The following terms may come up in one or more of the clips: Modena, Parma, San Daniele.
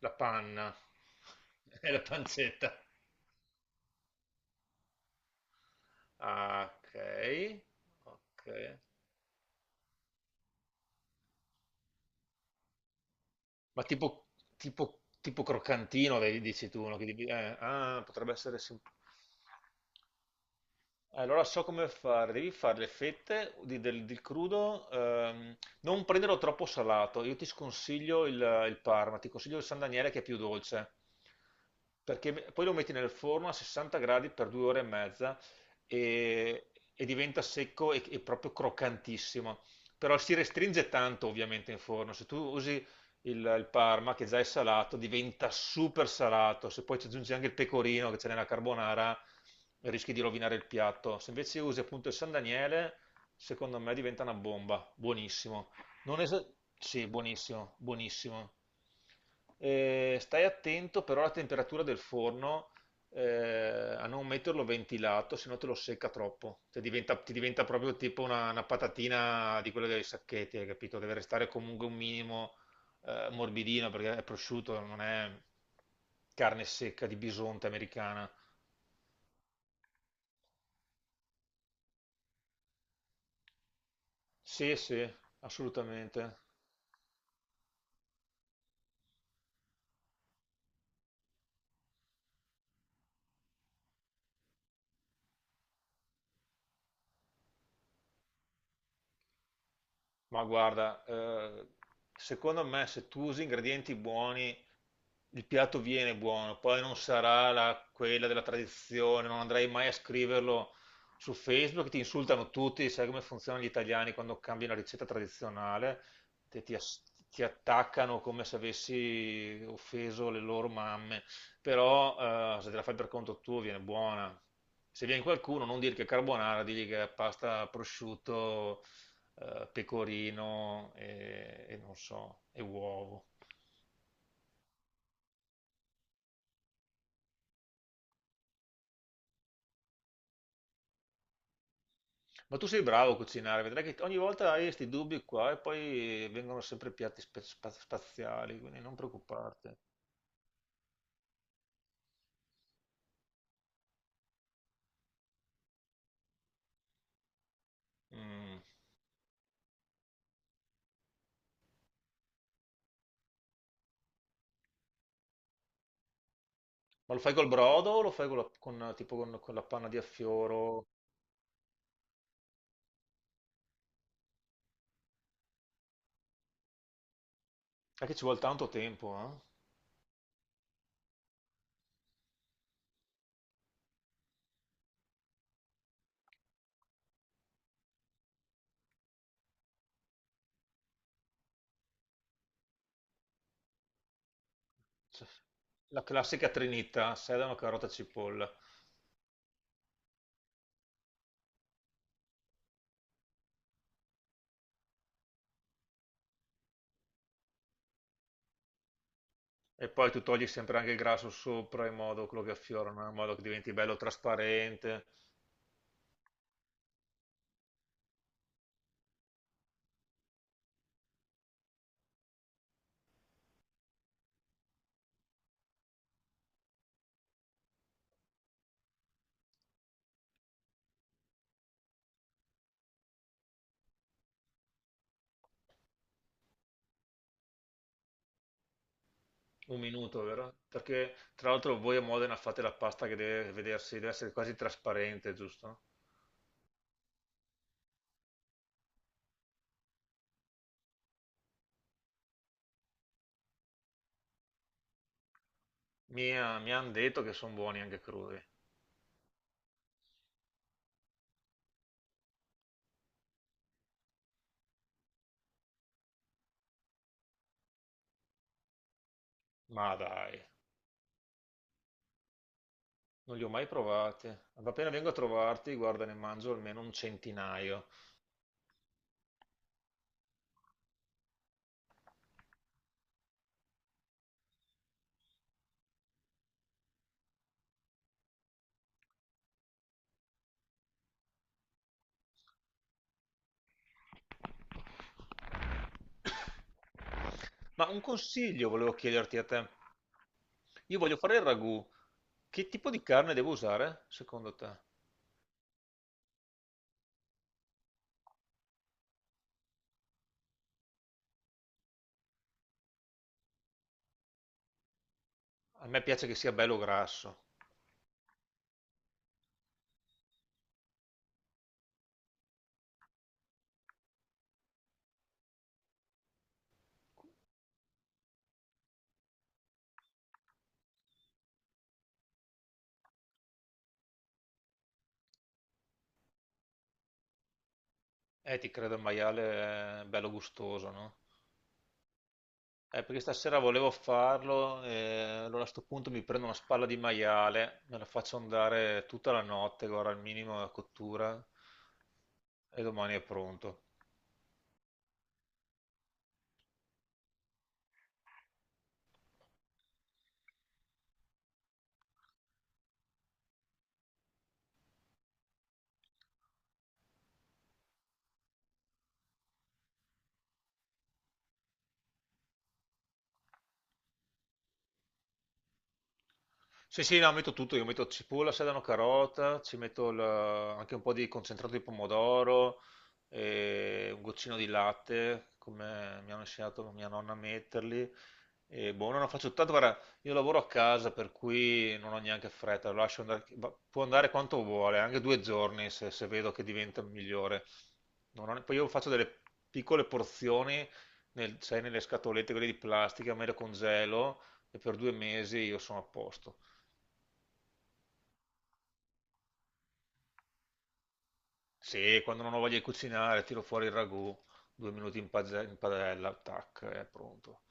La panna e la pancetta. Ah, ok, ok. Ma tipo, tipo, tipo croccantino, vedi, dici tu, no? Potrebbe essere. Allora so come fare, devi fare le fette del crudo, non prenderlo troppo salato, io ti sconsiglio il Parma, ti consiglio il San Daniele che è più dolce, perché poi lo metti nel forno a 60 gradi per 2 ore e mezza e diventa secco e proprio croccantissimo, però si restringe tanto ovviamente in forno, se tu usi il Parma, che già è salato, diventa super salato. Se poi ci aggiungi anche il pecorino che c'è nella carbonara, rischi di rovinare il piatto. Se invece usi appunto il San Daniele, secondo me diventa una bomba. Buonissimo. Non esa- sì, buonissimo, buonissimo. Stai attento però alla temperatura del forno, a non metterlo ventilato, se no te lo secca troppo. Cioè, ti diventa proprio tipo una patatina di quelle dei sacchetti, hai capito? Deve restare comunque un minimo morbidino perché è prosciutto, non è carne secca di bisonte americana. Sì, sì, assolutamente. Ma guarda, secondo me se tu usi ingredienti buoni, il piatto viene buono, poi non sarà quella della tradizione, non andrai mai a scriverlo su Facebook, ti insultano tutti, sai come funzionano gli italiani quando cambi una ricetta tradizionale. te- ti, ass- Ti attaccano come se avessi offeso le loro mamme, però se te la fai per conto tuo viene buona. Se viene qualcuno, non dire che è carbonara, digli che è pasta prosciutto, pecorino e non so, e uovo. Ma tu sei bravo a cucinare, vedrai che ogni volta hai questi dubbi qua e poi vengono sempre piatti spaziali, quindi non preoccuparti. Mm. Ma lo fai col brodo o lo fai con, tipo, con la panna di affioro? È che ci vuole tanto tempo, eh? Cioè, la classica trinità, sedano, carota, cipolla. E poi tu togli sempre anche il grasso sopra in modo quello che affiorano, in modo che diventi bello trasparente. Un minuto, vero? Perché tra l'altro voi a Modena fate la pasta che deve vedersi, deve essere quasi trasparente, giusto? Mi hanno detto che sono buoni anche crudi. Ma dai, non li ho mai provati. Appena vengo a trovarti, guarda, ne mangio almeno un centinaio. Ma un consiglio volevo chiederti a te. Io voglio fare il ragù. Che tipo di carne devo usare, secondo te? A me piace che sia bello grasso. Ti credo, il maiale è bello gustoso, no? Perché stasera volevo farlo, allora a sto punto mi prendo una spalla di maiale, me la faccio andare tutta la notte, guarda, al minimo la cottura, e domani è pronto. Sì, sì, no, metto tutto, io metto cipolla, sedano, carota, ci metto anche un po' di concentrato di pomodoro, e un goccino di latte, come mi hanno insegnato mia nonna a metterli. E boh, non lo faccio tanto, guarda, io lavoro a casa, per cui non ho neanche fretta, lo lascio andare, può andare quanto vuole, anche 2 giorni se, se vedo che diventa migliore. Non ho- poi io faccio delle piccole porzioni, sai, nelle scatolette, quelle di plastica, me le congelo e per 2 mesi io sono a posto. Sì, quando non ho voglia di cucinare, tiro fuori il ragù, 2 minuti in padella, tac, è pronto.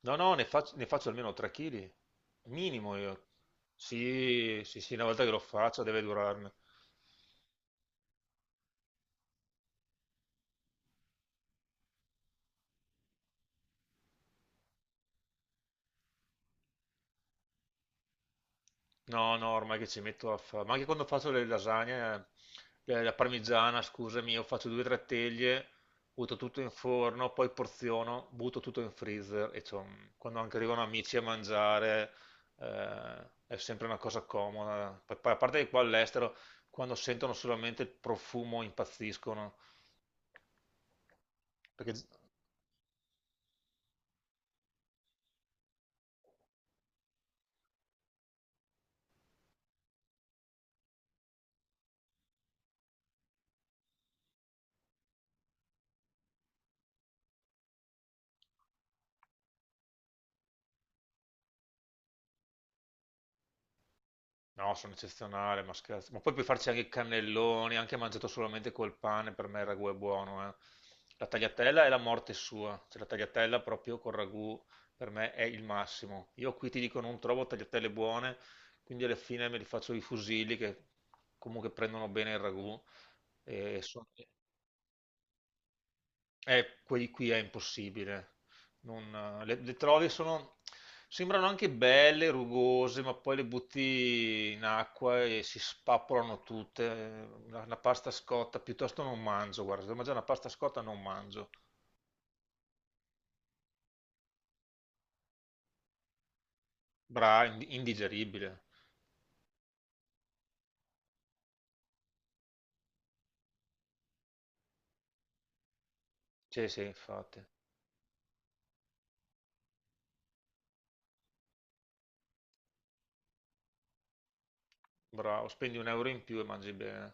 No, no, ne faccio almeno 3 kg, minimo io. Sì, sì, sì, una volta che lo faccio deve durarne. No, no, ormai che ci metto a fare, ma anche quando faccio le lasagne, la parmigiana, scusami, io faccio due o tre teglie, butto tutto in forno, poi porziono, butto tutto in freezer e quando anche arrivano amici a mangiare, è sempre una cosa comoda. Poi, a parte che qua all'estero, quando sentono solamente il profumo impazziscono, perché No, sono eccezionale, ma scherzo. Ma poi puoi farci anche i cannelloni, anche mangiato solamente col pane, per me il ragù è buono, eh. La tagliatella è la morte sua, cioè la tagliatella proprio col ragù per me è il massimo. Io qui ti dico non trovo tagliatelle buone, quindi alla fine me li faccio i fusilli che comunque prendono bene il ragù. E qui è impossibile. Le trovi sono, sembrano anche belle, rugose, ma poi le butti in acqua e si spappolano tutte. La pasta scotta piuttosto non mangio, guarda, se devo mangiare una pasta scotta non mangio. Indigeribile. Sì, sì, infatti. Bravo, spendi un euro in più e mangi bene.